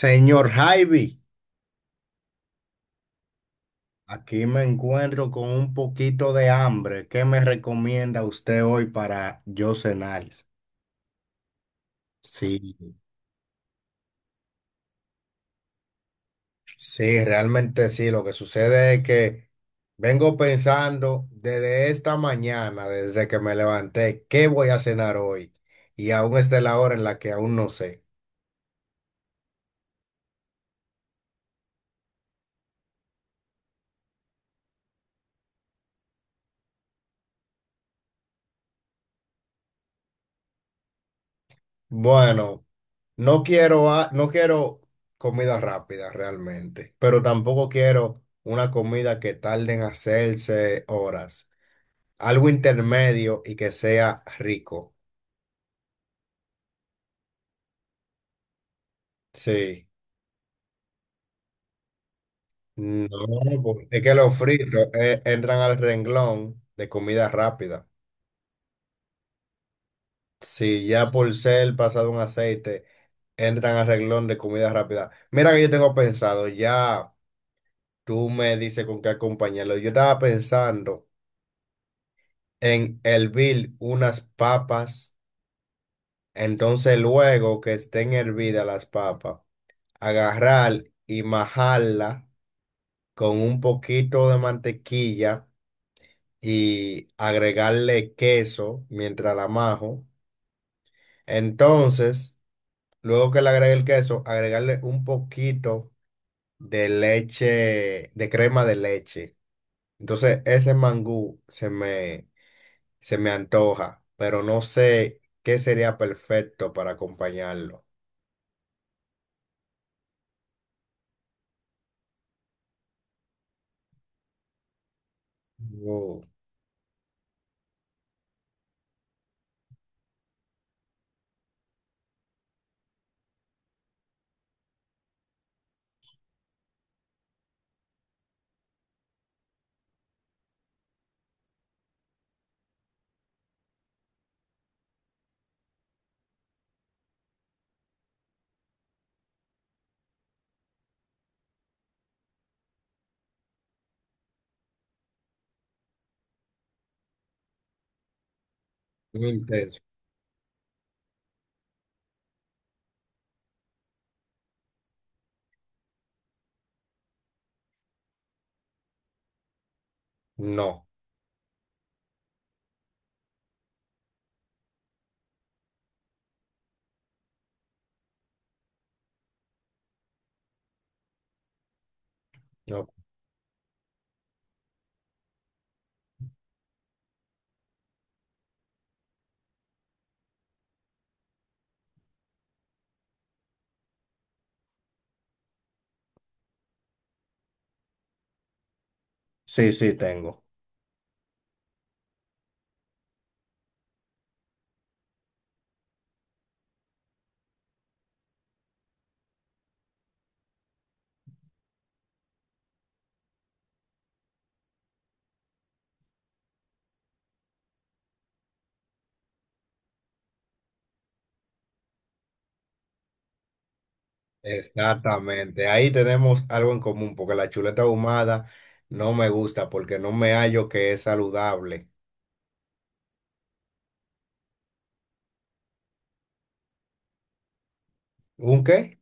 Señor Javi, aquí me encuentro con un poquito de hambre. ¿Qué me recomienda usted hoy para yo cenar? Sí, sí, realmente sí. Lo que sucede es que vengo pensando desde esta mañana, desde que me levanté, ¿qué voy a cenar hoy? Y aún está la hora en la que aún no sé. Bueno, no quiero, no quiero comida rápida realmente, pero tampoco quiero una comida que tarde en hacerse horas. Algo intermedio y que sea rico. Sí. No, porque es que los fritos entran al renglón de comida rápida. Si ya por ser pasado un aceite, entran al renglón de comida rápida. Mira que yo tengo pensado, ya tú me dices con qué acompañarlo. Yo estaba pensando en hervir unas papas, entonces luego que estén hervidas las papas, agarrar y majarla con un poquito de mantequilla y agregarle queso mientras la majo. Entonces, luego que le agregue el queso, agregarle un poquito de leche, de crema de leche. Entonces, ese mangú se me antoja, pero no sé qué sería perfecto para acompañarlo. Oh, muy intenso. No, no. Sí, sí, tengo. Exactamente. Ahí tenemos algo en común, porque la chuleta ahumada no me gusta, porque no me hallo que es saludable. ¿Un qué?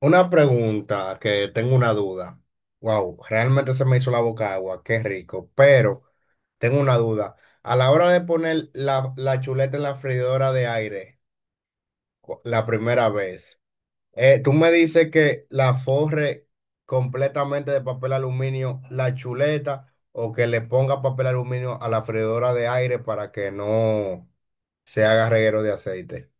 Una pregunta que tengo una duda. Wow, realmente se me hizo la boca agua, qué rico. Pero tengo una duda. A la hora de poner la chuleta en la freidora de aire, la primera vez. Tú me dices que la forre completamente de papel aluminio, la chuleta, o que le ponga papel aluminio a la freidora de aire para que no se haga reguero de aceite.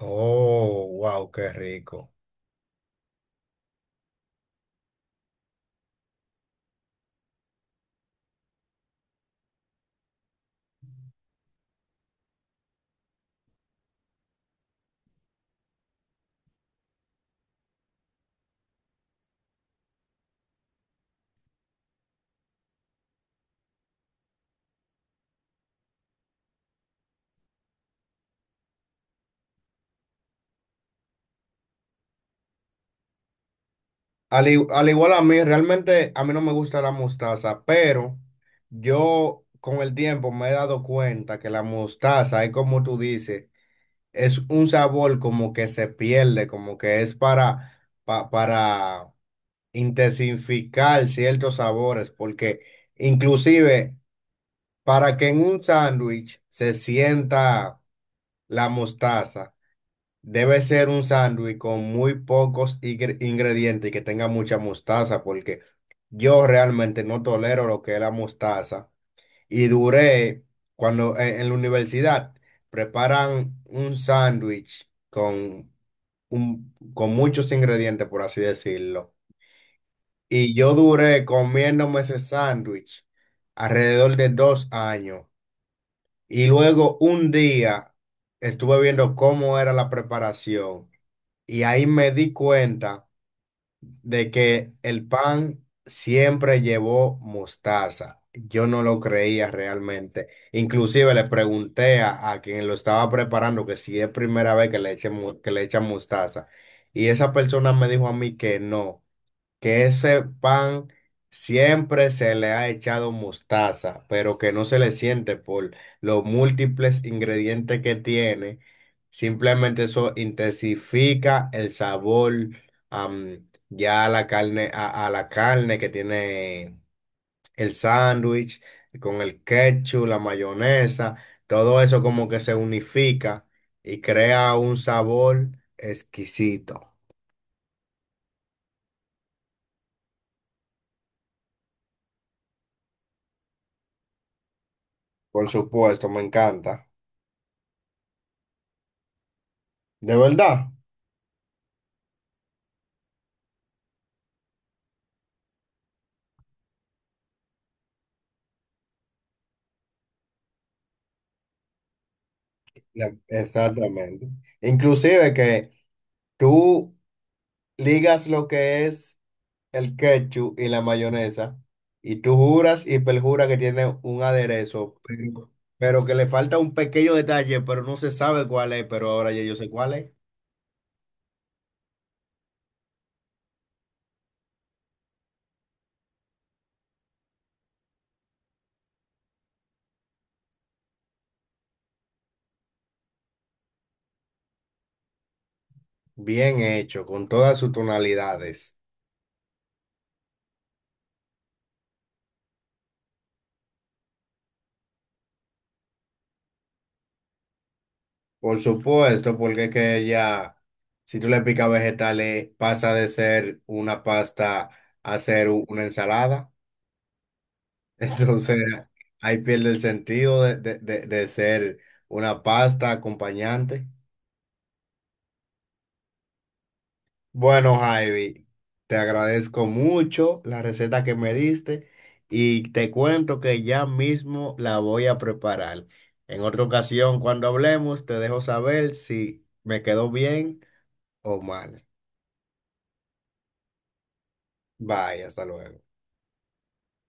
Oh, wow, qué rico. Al, al igual a mí, realmente a mí no me gusta la mostaza, pero yo con el tiempo me he dado cuenta que la mostaza es como tú dices. Es un sabor como que se pierde, como que es para, para intensificar ciertos sabores, porque inclusive para que en un sándwich se sienta la mostaza, debe ser un sándwich con muy pocos ingredientes y que tenga mucha mostaza, porque yo realmente no tolero lo que es la mostaza y duré cuando en la universidad preparan un sándwich con con muchos ingredientes, por así decirlo. Y yo duré comiéndome ese sándwich alrededor de 2 años. Y luego un día estuve viendo cómo era la preparación. Y ahí me di cuenta de que el pan siempre llevó mostaza. Yo no lo creía realmente. Inclusive le pregunté a quien lo estaba preparando que si es primera vez que le que le echan mostaza. Y esa persona me dijo a mí que no, que ese pan siempre se le ha echado mostaza, pero que no se le siente por los múltiples ingredientes que tiene. Simplemente eso intensifica el sabor ya a la carne, a la carne que tiene el sándwich, con el ketchup, la mayonesa, todo eso como que se unifica y crea un sabor exquisito. Por supuesto, me encanta. De verdad. La- Exactamente. Inclusive que tú ligas lo que es el ketchup y la mayonesa y tú juras y perjuras que tiene un aderezo, pero que le falta un pequeño detalle, pero no se sabe cuál es, pero ahora ya yo sé cuál es. Bien hecho, con todas sus tonalidades. Por supuesto, porque es que ya, si tú le picas vegetales, pasa de ser una pasta a ser una ensalada. Entonces, ahí pierde el sentido de, de ser una pasta acompañante. Bueno, Javi, te agradezco mucho la receta que me diste y te cuento que ya mismo la voy a preparar. En otra ocasión, cuando hablemos, te dejo saber si me quedó bien o mal. Bye, hasta luego.